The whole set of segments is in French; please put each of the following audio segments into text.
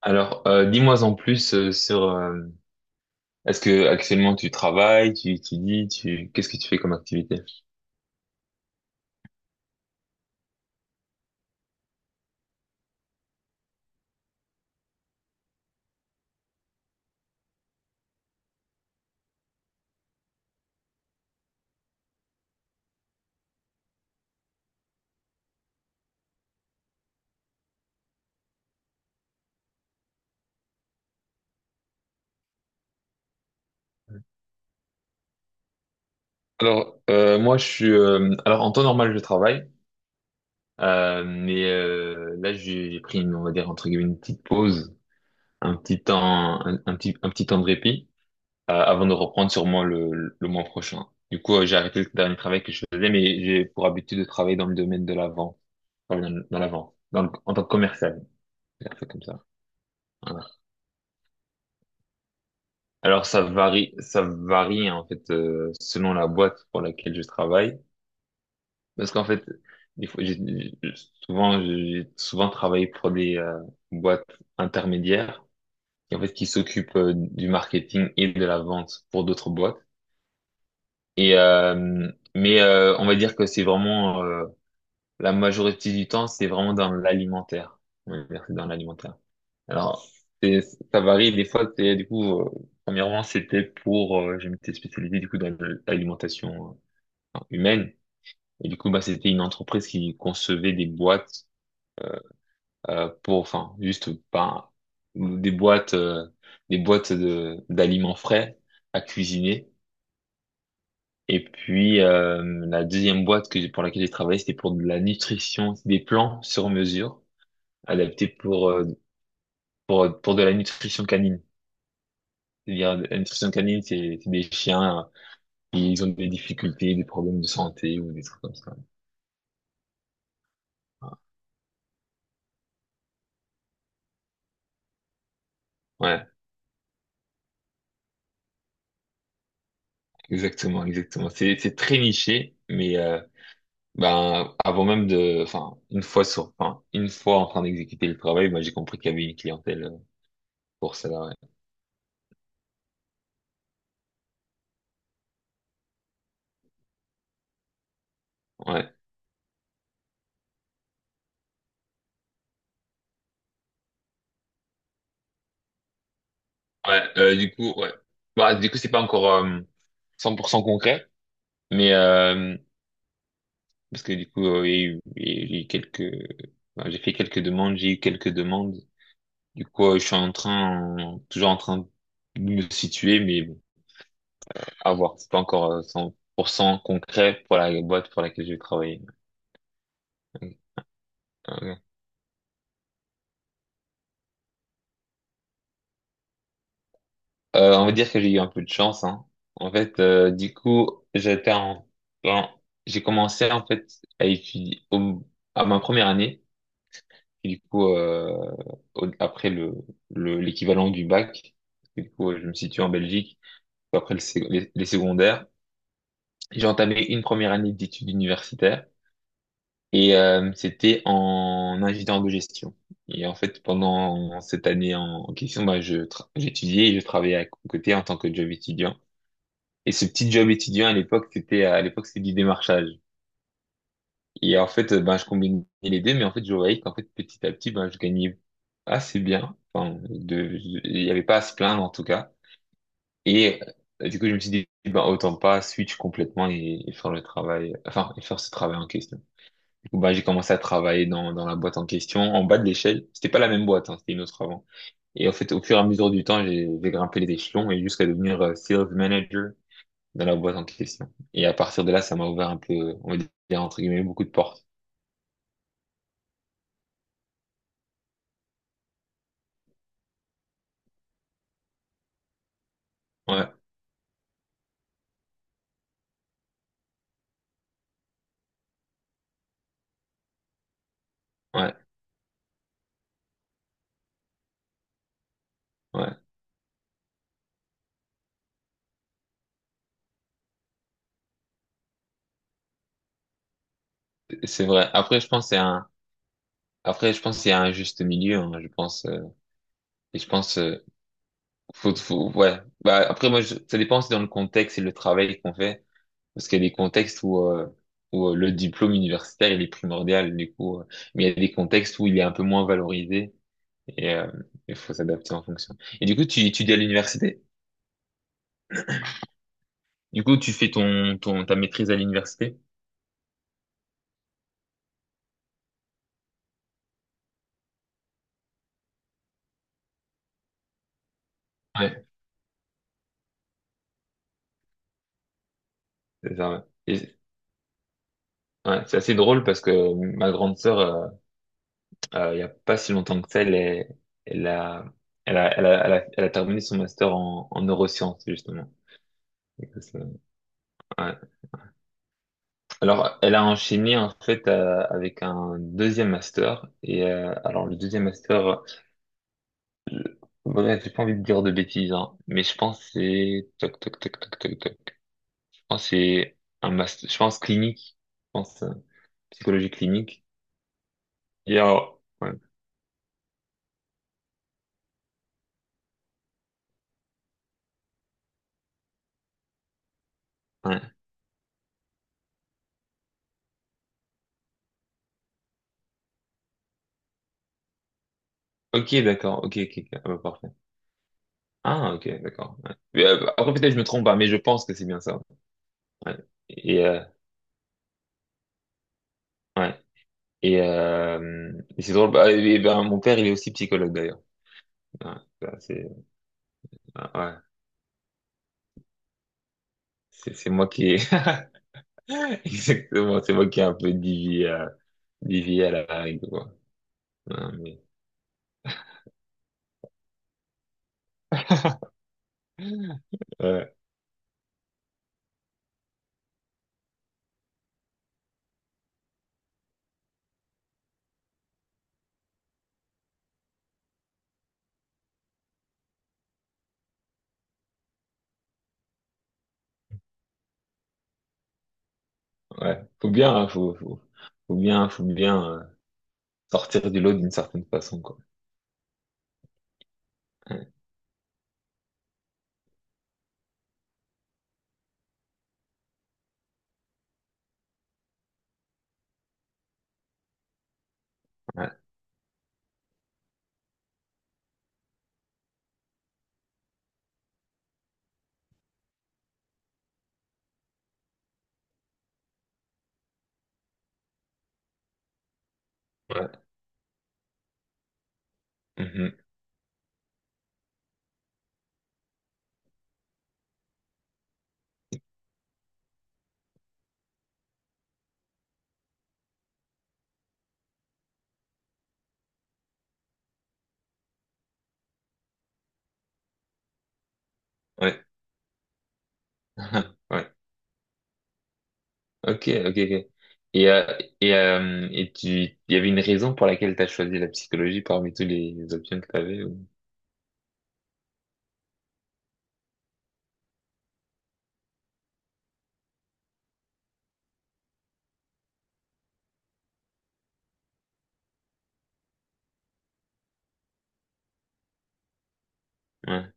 Dis-moi en plus sur. Est-ce que actuellement tu travailles, tu étudies, tu qu'est-ce que tu fais comme activité? Moi, en temps normal, je travaille, là, j'ai pris une, on va dire entre guillemets une petite pause, un petit temps, un petit temps de répit avant de reprendre sûrement le mois prochain. Du coup, j'ai arrêté le dernier travail que je faisais, mais j'ai pour habitude de travailler dans le domaine de la vente, enfin, dans la vente, en tant que commercial, c'est comme ça. Alors ça varie en fait selon la boîte pour laquelle je travaille, parce qu'en fait, des fois, j'ai- souvent travaillé pour des boîtes intermédiaires, qui, en fait qui s'occupent du marketing et de la vente pour d'autres boîtes. Et euh, on va dire que c'est vraiment la majorité du temps, c'est vraiment dans l'alimentaire. On va dire que c'est dans l'alimentaire. Alors, c'est- ça varie. Des fois, premièrement, c'était pour, je m'étais spécialisé, du coup, dans l'alimentation enfin, humaine. Et du coup, bah, c'était une entreprise qui concevait des boîtes, pour, enfin, juste, pas, des boîtes, euh, des boîtes de, d'aliments frais à cuisiner. Et puis, la deuxième boîte pour laquelle j'ai travaillé, c'était pour de la nutrition, des plans sur mesure, adaptés pour de la nutrition canine. C'est-à-dire, la nutrition canine, c'est des chiens, ils ont des difficultés, des problèmes de santé ou des trucs comme ça. Ouais, exactement, exactement. C'est très niché, mais ben avant même de, enfin une fois sur, enfin une fois en train d'exécuter le travail, moi j'ai compris qu'il y avait une clientèle pour ça. Ouais, ouais. Ouais, euh, du coup, ouais. Bah du coup c'est pas encore 100% concret, mais euh, parce que il y a eu, il y a eu quelques, ben, j'ai fait quelques demandes, j'ai eu quelques demandes. Du coup, je suis en train, toujours en train de me situer, mais bon, à voir. C'est pas encore 100% concret pour la boîte pour laquelle je vais travailler. Ouais. On va dire que j'ai eu un peu de chance, hein. En fait, j'étais en- j'ai commencé en fait à étudier au- à ma première année, et du coup, après l'équivalent du bac. Du coup, je me situe en Belgique après les secondaires. J'ai entamé une première année d'études universitaires. Et c'était en ingénieur de gestion. Et en fait, pendant cette année en question, bah, j'étudiais et je travaillais à côté en tant que job étudiant. Et ce petit job étudiant à l'époque c'était du démarchage. Et en fait, ben je combinais les deux, mais en fait, je voyais qu'en fait, petit à petit, ben je gagnais assez bien. Enfin, il n'y avait pas à se plaindre en tout cas. Et du coup, je me suis dit, ben autant pas switch complètement et faire le travail, enfin, et faire ce travail en question, où bah, j'ai commencé à travailler dans la boîte en question, en bas de l'échelle. C'était pas la même boîte, hein, c'était une autre avant. Et en fait, au fur et à mesure du temps, j'ai grimpé les échelons et jusqu'à devenir sales manager dans la boîte en question. Et à partir de là, ça m'a ouvert un peu, on va dire, entre guillemets, beaucoup de portes. Ouais, ouais, ouais, c'est vrai. Après, je pense qu'il y a un juste milieu, hein, je pense, et je pense, ouais. Bah, après, ça dépend, c'est dans le contexte et le travail qu'on fait. Parce qu'il y a des contextes où le diplôme universitaire, il est primordial, du coup. Mais il y a des contextes où il est un peu moins valorisé et euh, il faut s'adapter en fonction. Et du coup, tu étudies à l'université? Du coup, tu fais ta maîtrise à l'université? Ouais, c'est ça. Ouais. Ouais, c'est assez drôle parce que ma grande sœur, il y a pas si longtemps que ça, elle a, elle a terminé son master en neurosciences, justement. Donc, c'est- ouais. Alors, elle a enchaîné en fait avec un deuxième master. Et alors, bref, j'ai pas envie de dire de bêtises, hein, mais je pense que c'est toc toc toc toc toc toc. Je pense que c'est un master, je pense clinique, je pense psychologie clinique. Et alors, ouais, ouais. Ok, d'accord, ok, ok, ok, ah bah, parfait. Ah, ok, d'accord. Ouais. Bah, après, peut-être je me trompe pas, mais je pense que c'est bien ça. Ouais. Et ouais. Et c'est drôle. Bah, et ben, mon père, il est aussi psychologue d'ailleurs. Ouais, ça, c'est- Ouais, ouais. C'est moi qui ai... Exactement, c'est moi qui ai un peu dévié à la règle, quoi. Non, mais, ouais, ouais. Faut bien, hein, faut bien sortir du lot d'une certaine façon, quoi. Ouais, ouais, ouais. Mhm, ouais. Ouais. Ok, ok, ok. Et tu, il y avait une raison pour laquelle tu as choisi la psychologie parmi les options que tu avais ou... Ouais,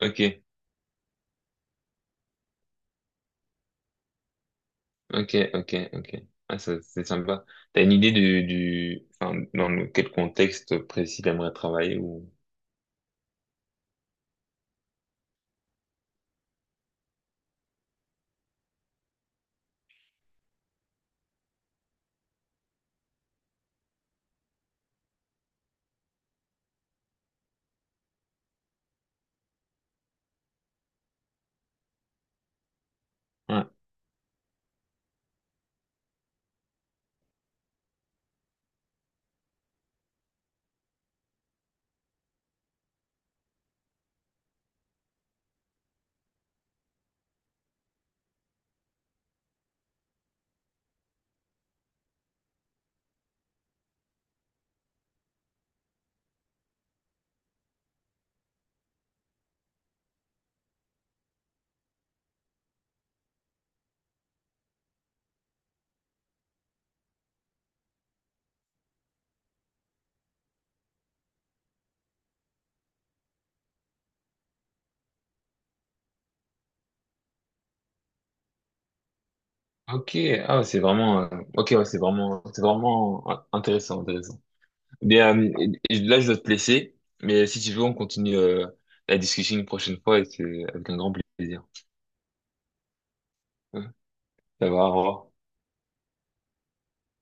ok. Ok, ok, ok. Ah, ça, c'est sympa. T'as une idée enfin, quel contexte précis t'aimerais travailler ou, ouais. Ok, ah, c'est vraiment, ok, ouais, c'est vraiment intéressant, intéressant. Bien, euh, et là, je dois te laisser, mais si tu veux, on continue, la discussion une prochaine fois et c'est avec un grand plaisir. Ouais. Ça va, au revoir.